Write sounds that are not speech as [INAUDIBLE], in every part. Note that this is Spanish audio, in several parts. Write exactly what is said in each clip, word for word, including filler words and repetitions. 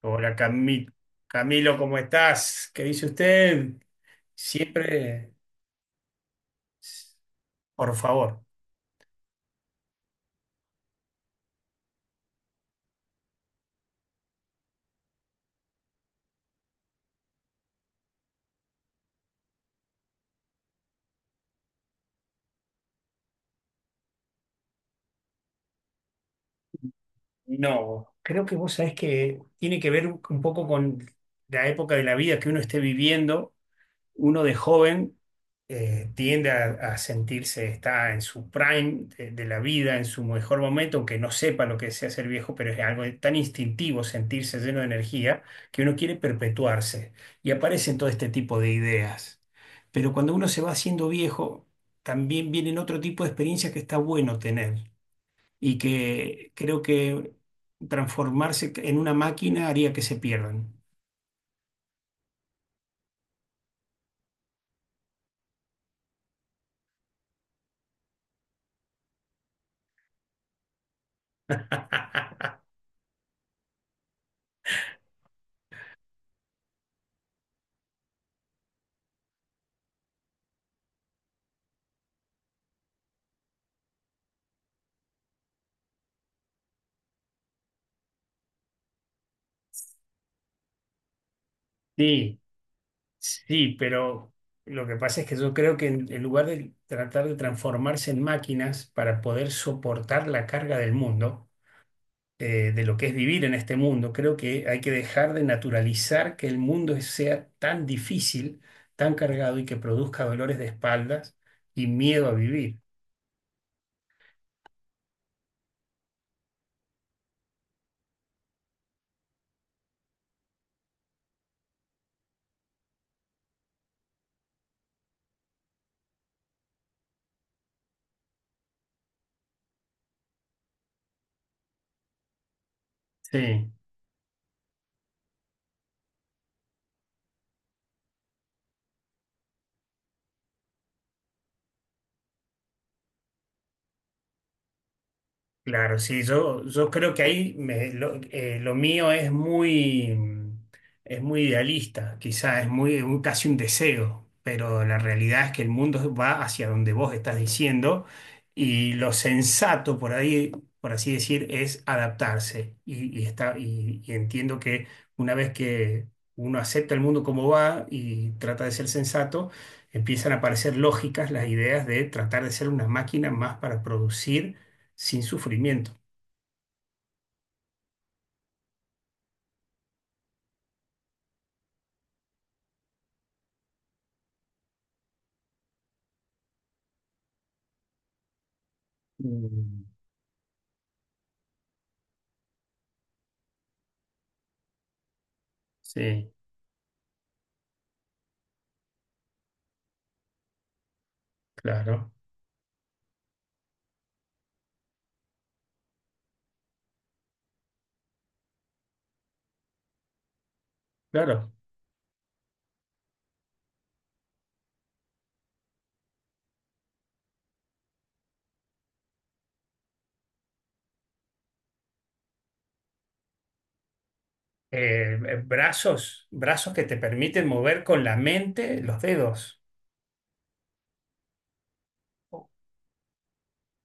Hola Camilo, Camilo, ¿cómo estás? ¿Qué dice usted? Siempre, por favor. No, creo que vos sabés que tiene que ver un poco con la época de la vida que uno esté viviendo. Uno de joven eh, tiende a, a sentirse, está en su prime de, de la vida, en su mejor momento, aunque no sepa lo que sea ser viejo, pero es algo tan instintivo sentirse lleno de energía que uno quiere perpetuarse y aparecen todo este tipo de ideas. Pero cuando uno se va haciendo viejo, también vienen otro tipo de experiencias que está bueno tener y que creo que transformarse en una máquina haría que se pierdan. [LAUGHS] Sí. Sí, pero lo que pasa es que yo creo que en, en lugar de tratar de transformarse en máquinas para poder soportar la carga del mundo, eh, de lo que es vivir en este mundo, creo que hay que dejar de naturalizar que el mundo es- sea tan difícil, tan cargado y que produzca dolores de espaldas y miedo a vivir. Sí. Claro, sí, yo, yo creo que ahí me- lo, eh, lo mío es muy, mm, es muy idealista, quizás es muy, un- casi un deseo, pero la realidad es que el mundo va hacia donde vos estás diciendo y lo sensato por ahí, por así decir, es adaptarse. Y, y está, y, y entiendo que una vez que uno acepta el mundo como va y trata de ser sensato, empiezan a aparecer lógicas las ideas de tratar de ser una máquina más para producir sin sufrimiento. Mm, sí, claro, claro. Eh, eh, brazos, brazos que te permiten mover con la mente los dedos.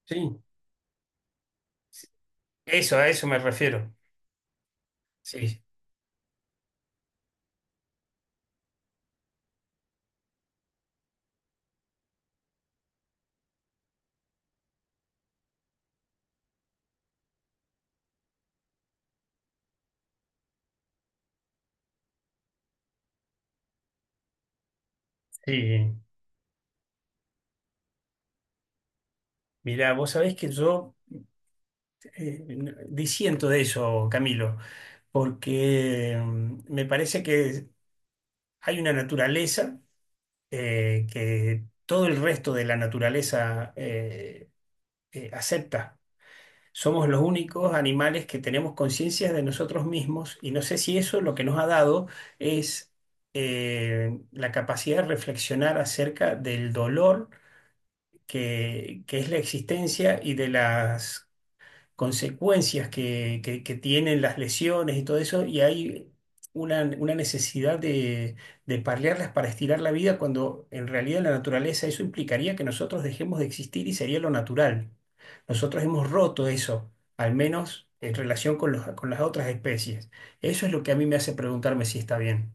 Sí, eso, a eso me refiero. Sí, sí. Mirá, vos sabés que yo, eh, n- disiento de eso, Camilo, porque mm, me parece que hay una naturaleza eh, que todo el resto de la naturaleza eh, eh, acepta. Somos los únicos animales que tenemos conciencia de nosotros mismos y no sé si eso lo que nos ha dado es eh, la capacidad de reflexionar acerca del dolor que, que es la existencia y de las consecuencias que, que- que tienen las lesiones y todo eso, y hay una, una necesidad de, de paliarlas para estirar la vida cuando en realidad en la naturaleza eso implicaría que nosotros dejemos de existir y sería lo natural. Nosotros hemos roto eso, al menos en relación con los- con las otras especies. Eso es lo que a mí me hace preguntarme si está bien.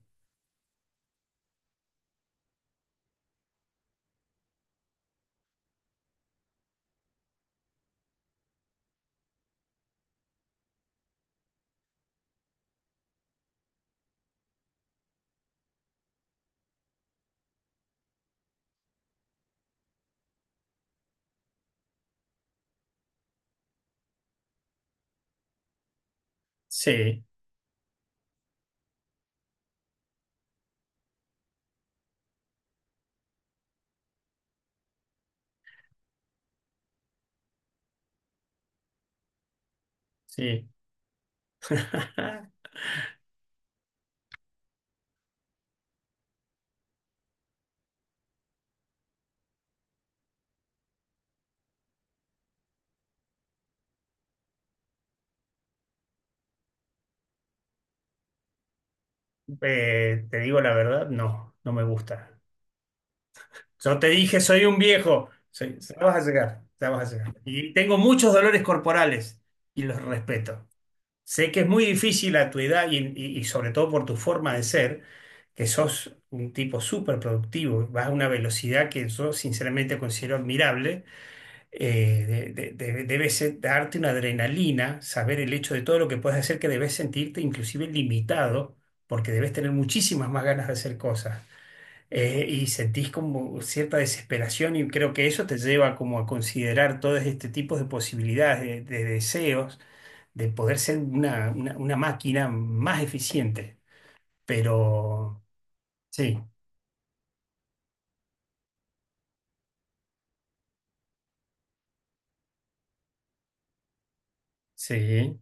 Sí, sí. [LAUGHS] eh, te digo la verdad, no, no me gusta. Yo te dije, soy un viejo. Soy- ya vas a llegar, ya vas a llegar. Y tengo muchos dolores corporales y los respeto. Sé que es muy difícil a tu edad y, y- y sobre todo por tu forma de ser, que sos un tipo súper productivo, vas a una velocidad que yo sinceramente considero admirable. Eh, de- de- de- Debe ser- darte una adrenalina, saber el hecho de todo lo que puedes hacer, que debes sentirte inclusive limitado, porque debes tener muchísimas más ganas de hacer cosas. Eh, y sentís como cierta desesperación y creo que eso te lleva como a considerar todo este tipo de posibilidades, de, de deseos, de poder ser una, una- una máquina más eficiente. Pero sí, sí,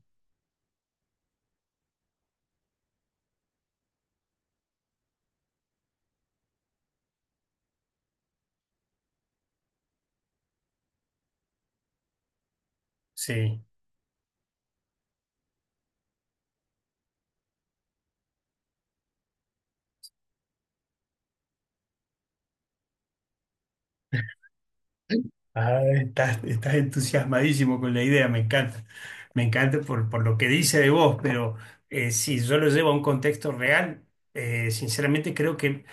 sí. Ah, estás, estás entusiasmadísimo con la idea, me encanta. Me encanta por, por lo que dice de vos, pero eh, si yo lo llevo a un contexto real, eh, sinceramente creo que...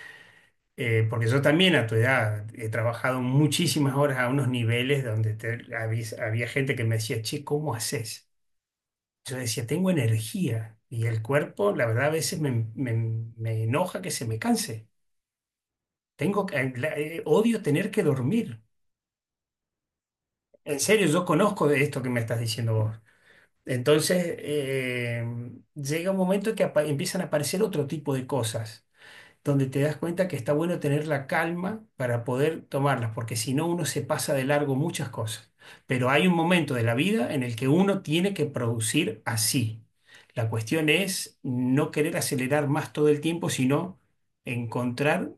Eh, porque yo también a tu edad he trabajado muchísimas horas a unos niveles donde te- había, había gente que me decía, che, ¿cómo haces? Yo decía, tengo energía y el cuerpo, la verdad, a veces me, me- me enoja que se me canse. Tengo, que- eh, la- eh, odio tener que dormir. En serio, yo conozco de esto que me estás diciendo vos. Entonces, eh, llega un momento que apa- empiezan a aparecer otro tipo de cosas donde te das cuenta que está bueno tener la calma para poder tomarlas, porque si no uno se pasa de largo muchas cosas. Pero hay un momento de la vida en el que uno tiene que producir así. La cuestión es no querer acelerar más todo el tiempo, sino encontrar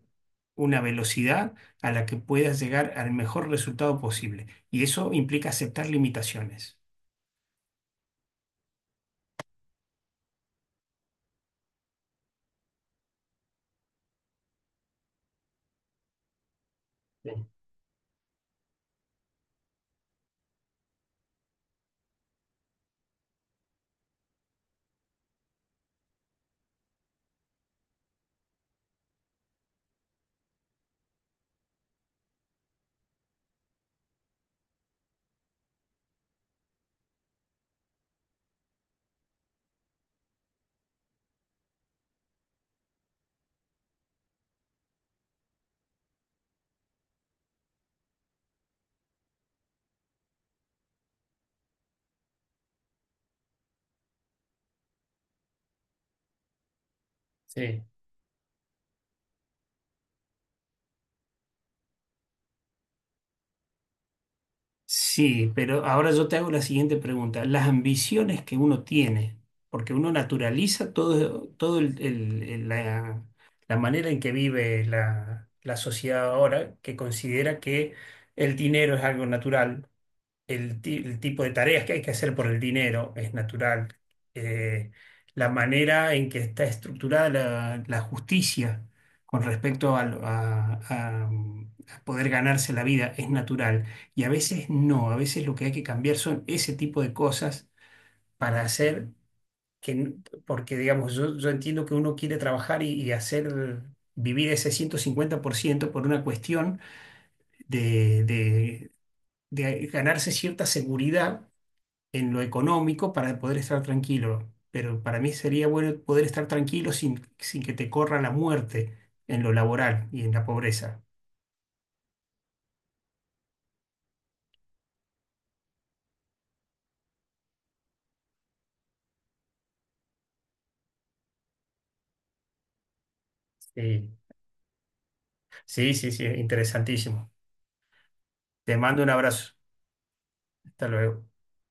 una velocidad a la que puedas llegar al mejor resultado posible. Y eso implica aceptar limitaciones. Sí, sí. Sí, pero ahora yo te hago la siguiente pregunta. Las ambiciones que uno tiene, porque uno naturaliza todo, todo el- el- el- la, la manera en que vive la, la sociedad ahora, que considera que el dinero es algo natural, el, ti- el tipo de tareas que hay que hacer por el dinero es natural. Eh, la manera en que está estructurada la, la justicia con respecto al- a, a- mm, a poder ganarse la vida es natural. Y a veces no, a veces lo que hay que cambiar son ese tipo de cosas para hacer que, n- porque digamos, yo, yo entiendo que uno quiere trabajar y, y hacer... vivir ese ciento cincuenta por ciento por ciento por una cuestión de, de de ganarse cierta seguridad en lo económico para poder estar tranquilo. Pero para mí sería bueno poder estar tranquilo sin, sin que te corra la muerte en lo laboral y en la pobreza. Sí, sí, sí, sí, interesantísimo. Te mando un abrazo. Hasta luego.